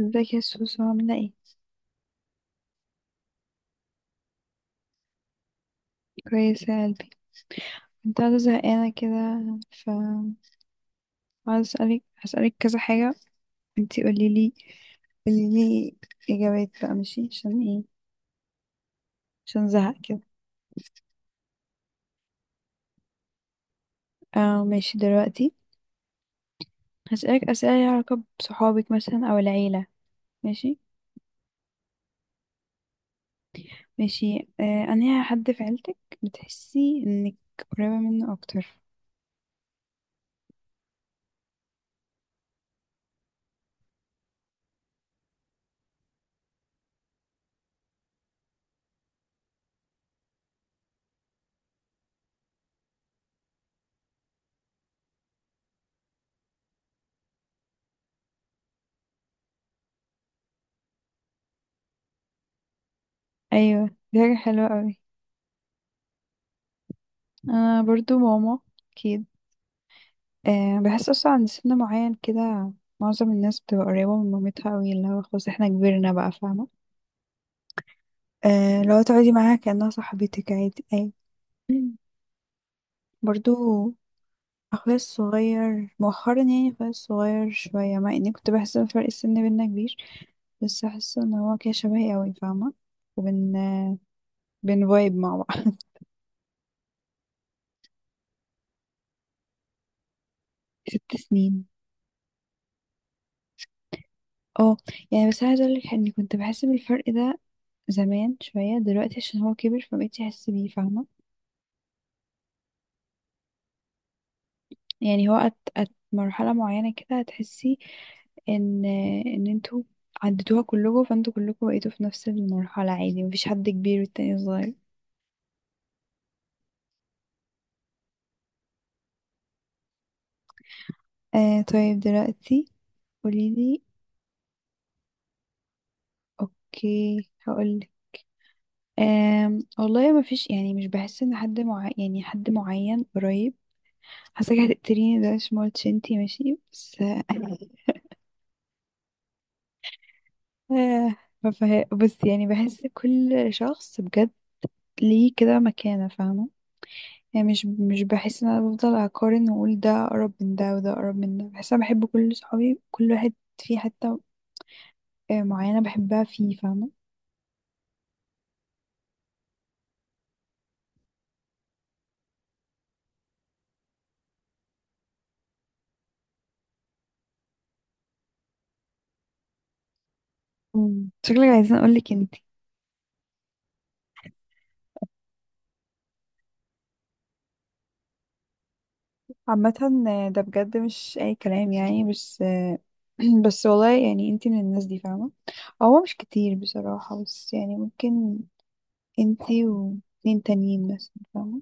ازيك يا سوسو؟ عاملة ايه؟ كويسة يا قلبي. كنت قاعدة زهقانة كده، ف عايزة اسألك، هسألك كذا حاجة. انتي قوليلي قوليلي اجابات، بقى ماشي؟ عشان ايه؟ عشان زهق كده. اه، ماشي دلوقتي. هسألك اسئلة ليها علاقة بصحابك مثلا او العيلة. ماشي؟ ماشي. انا حد في عيلتك بتحسي انك قريبة منه اكتر؟ ايوه، دي حاجة حلوة اوي. انا برضو ماما، اكيد. أه بحس اصلا عند سن معين كده، معظم الناس بتبقى قريبة من مامتها قوي، اللي هو خلاص احنا كبرنا بقى، فاهمة؟ أه لو تقعدي معاها كأنها صاحبتك عادي أي. برضو، اخويا الصغير مؤخرا، يعني اخويا الصغير شوية، مع اني كنت بحس ان فرق السن بينا كبير بس احس ان هو كده شبهي قوي، فاهمة؟ وبن آه، بن فايب مع بعض. 6 سنين. اه يعني بس عايزة اقولك اني كنت بحس بالفرق ده زمان شوية، دلوقتي عشان هو كبر فبقيت احس بيه، فاهمة؟ يعني هو مرحلة معينة كده هتحسي ان ان انتوا عديتوها كلكم، فانتوا كلكم بقيتوا في نفس المرحلة عادي، مفيش حد كبير والتاني صغير. طيب دلوقتي، قوليلي. اوكي، هقولك. والله ما فيش، يعني مش بحس ان حد، مع يعني حد معين قريب. حاساك هتقتليني، ده مش مولتش انتي، ماشي؟ بس آه آه، ما فه- بس يعني بحس كل شخص بجد ليه كده مكانة، فاهمة؟ يعني مش بحس ان انا بفضل اقارن واقول ده اقرب من ده وده اقرب من ده، بحس انا بحب كل صحابي، كل واحد في حتة معينة بحبها فيه، فاهمة؟ شكلك عايزين اقولك انتي. عامة، ده بجد مش اي كلام يعني، بس آه، بس والله يعني انتي من الناس دي، فاهمة؟ هو مش كتير بصراحة، بس يعني ممكن انتي واتنين تانيين مثلا، فاهمة؟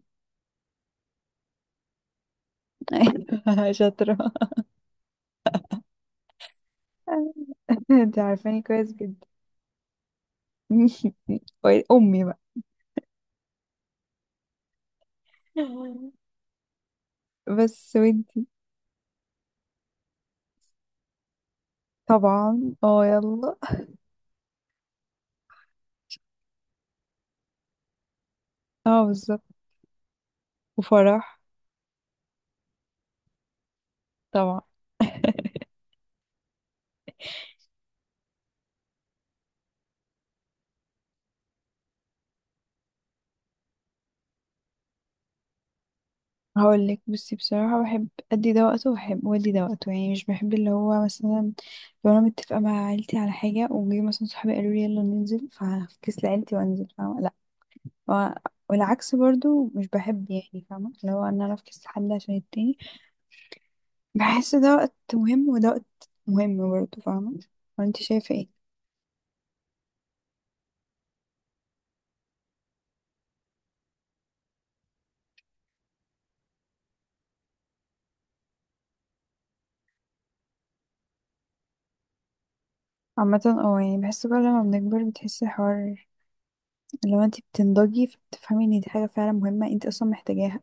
شاطرة. انتي عارفاني كويس جدا. امي بقى. بس ودي طبعا. اه، يلا. اه، بالظبط. وفرح. طبعا. هقول لك، بصي بصراحة، بحب أدي ده وقته وبحب وأدي ده وقته. يعني مش بحب اللي هو مثلا لو أنا متفقة مع عيلتي على حاجة، وجي مثلا صحابي قالوا لي يلا ننزل، فهفكس لعيلتي وأنزل، فاهمة؟ لأ. و- والعكس برضو مش بحب، يعني فاهمة اللي هو إن أنا أفكس حد عشان التاني. بحس ده وقت مهم وده وقت مهم برضو، فاهمة؟ وأنت شايفة ايه؟ عامة اه، يعني بحس كل ما بنكبر بتحسي الحوار، لو انت بتنضجي فبتفهمي ان دي حاجة فعلا مهمة، انت اصلا محتاجاها.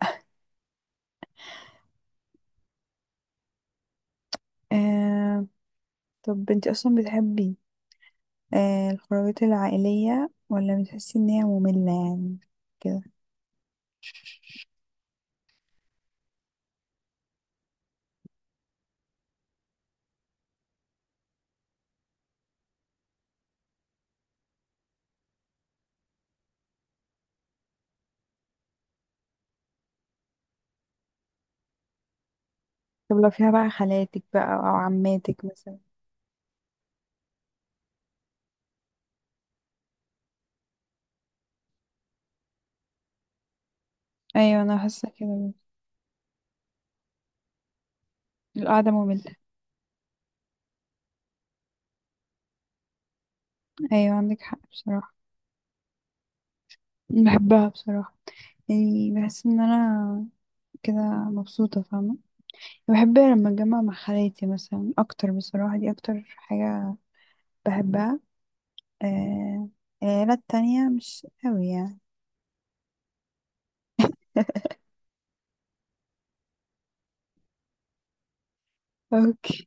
آه طب انت اصلا بتحبي الخروجات العائلية، ولا بتحسي ان هي مملة يعني كده؟ طب لو فيها بقى خالاتك بقى او عماتك مثلا؟ ايوه، انا حاسة كده. القعدة مملة. ايوه، عندك حق بصراحة. بحبها بصراحة، يعني بحس ان انا كده مبسوطة، فاهمة؟ بحب لما اتجمع مع خالاتي مثلا اكتر، بصراحة دي اكتر حاجة بحبها. آه، العيلات التانية مش قوي يعني. اوكي،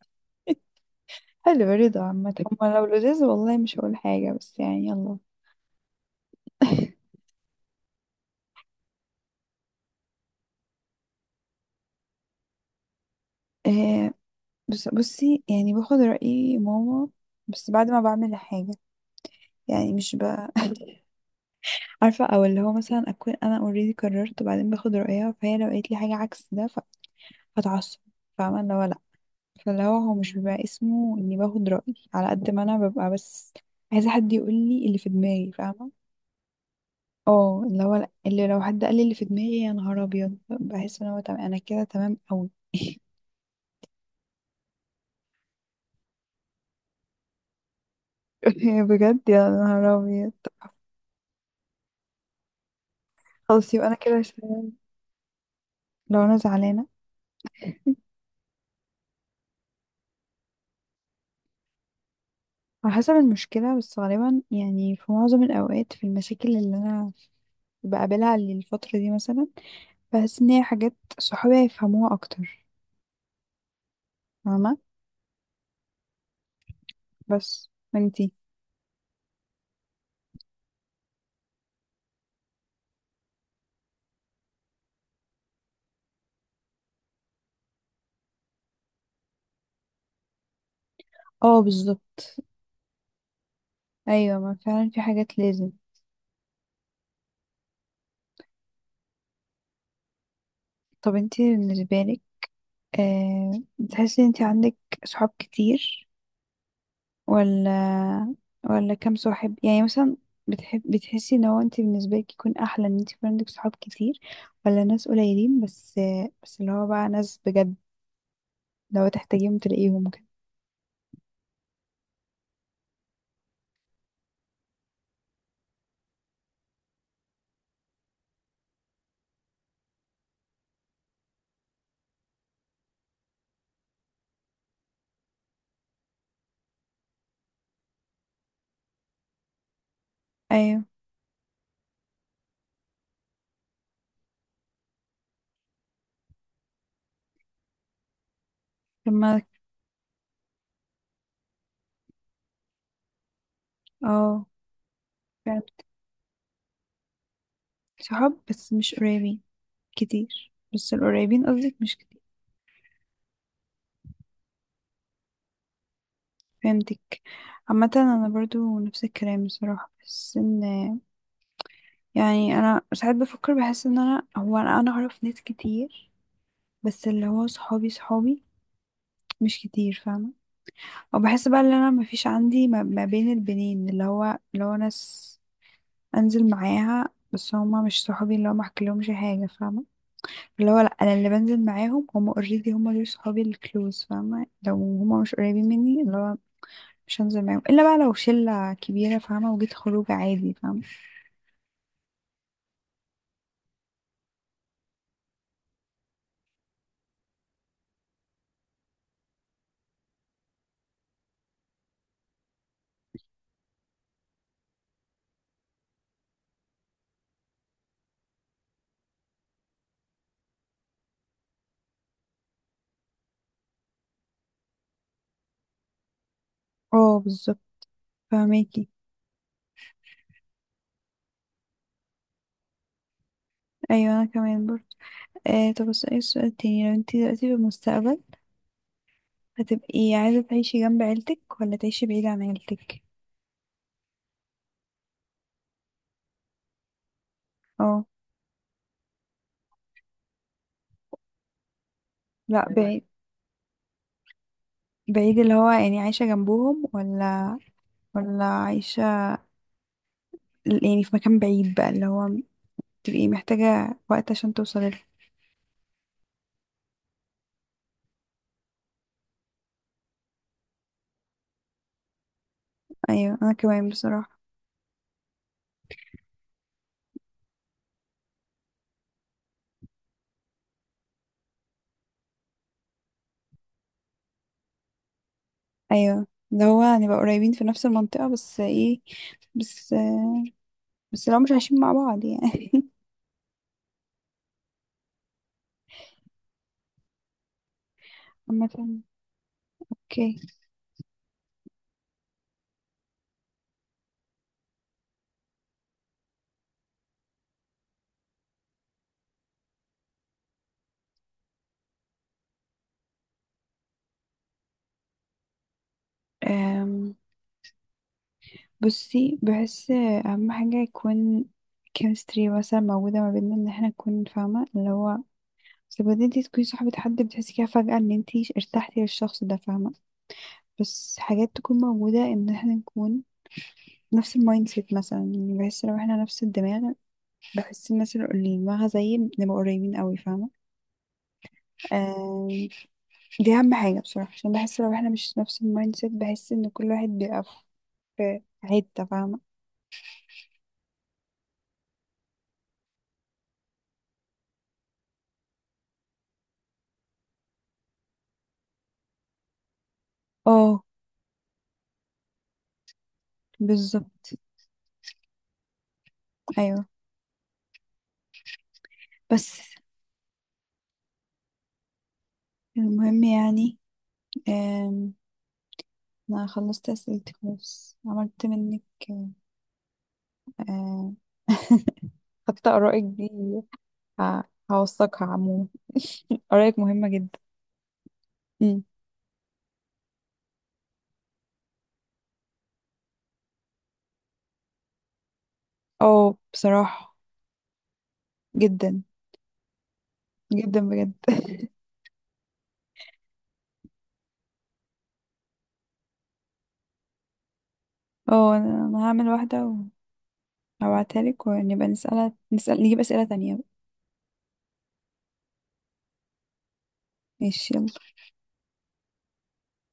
حلو. رضا عامة هما لو لذيذ، والله مش هقول حاجة بس يعني يلا. آه، بصي يعني باخد رأي ماما بس بعد ما بعمل حاجة، يعني مش عارفة، او اللي هو مثلا اكون انا اوريدي قررت وبعدين باخد رأيها، فهي لو قالت لي حاجة عكس ده هتعصب، فاهمة اللي هو لا. فاللي هو هو مش بيبقى اسمه اني باخد رأي، على قد ما انا ببقى بس عايزة حد يقول لي اللي في دماغي، فاهمة؟ اه، اللي هو اللي لو حد قال لي اللي في دماغي يا نهار ابيض، بحس ان هو تمام، انا كده تمام قوي. بجد يا نهار ابيض، خلاص يبقى انا كده شايل. لو انا زعلانه، على حسب المشكله، بس غالبا يعني في معظم الاوقات، في المشاكل اللي انا بقابلها للفتره دي مثلا، بحس ان هي حاجات صحابي هيفهموها اكتر، فاهمه. بس انتي. اه، بالظبط. ايوه، ما فعلا في حاجات لازم. طب انتي بالنسبه لك بتحسي ان انتي عندك صحاب كتير؟ ولا كام صاحب يعني مثلا؟ بتحب بتحسي ان هو انت بالنسبه لك يكون احلى ان انت يكون عندك صحاب كتير، ولا ناس قليلين بس، بس اللي هو بقى ناس بجد لو تحتاجيهم تلاقيهم كده؟ ايوه لما. اه، فهمت. صحاب بس مش قريبين كتير، بس القريبين قصدك مش كتير. فهمتك. عامة انا برضو نفس الكلام بصراحة، بس ان يعني انا ساعات بفكر بحس ان انا هو انا اعرف ناس كتير، بس اللي هو صحابي صحابي مش كتير، فاهمة؟ وبحس بقى ان انا مفيش عندي، ما بين البنين، اللي هو اللي هو ناس انزل معاها بس هما مش صحابي، اللي هو ما احكيلهمش حاجة، فاهمة؟ اللي هو لا، انا اللي بنزل معاهم هما اوريدي هما دول صحابي الكلوز، فاهمة لو هما مش قريبين مني، اللي هو مش هنزل معاهم الا بقى لو شلة كبيرة فاهمة، وجيت خروج عادي، فاهمة؟ اه، بالظبط. فاهماكي. ايوه، انا كمان برضه. طب بس ايه السؤال التاني؟ لو انتي دلوقتي في المستقبل هتبقي عايزة تعيشي جنب عيلتك، ولا تعيشي بعيد عن عيلتك؟ اه لا، بعيد بعيد اللي هو يعني عايشة جنبهم، ولا عايشة يعني في مكان بعيد بقى، اللي هو تبقي محتاجة وقت عشان توصلي له؟ أيوة، أنا كمان بصراحة. أيوة اللي هو هنبقى قريبين في نفس المنطقة، بس ايه، بس بس لو مش عايشين مع بعض يعني. عامة اوكي. أم، بصي، بحس أهم حاجة يكون كيمستري مثلا موجودة ما بيننا، ان احنا نكون، فاهمة اللي هو بس بدي انتي تكوني صاحبة حد بتحسي كده فجأة ان انتي ارتحتي للشخص ده، فاهمة؟ بس حاجات تكون موجودة ان احنا نكون نفس المايند سيت مثلا، يعني بحس لو احنا نفس الدماغ، بحس الناس اللي دماغها زيي بنبقى قريبين قوي، فاهمة؟ آم، دي أهم حاجة بصراحة، عشان بحس لو احنا مش نفس المايند سيت، بحس ان كل واحد بيبقى في حتة، فاهمة؟ اه، بالظبط. ايوه بس المهم يعني. آم، انا خلصت اسئلتي خلاص، عملت منك آم، خدت آرائك دي. ه- هوثقها عموما. آرائك مهمة جدا. امم اه بصراحة جدا جدا بجد. اه انا هعمل واحدة وهبعتها لك، ونبقى نسألها نسأل نجيب أسئلة تانية. ماشي.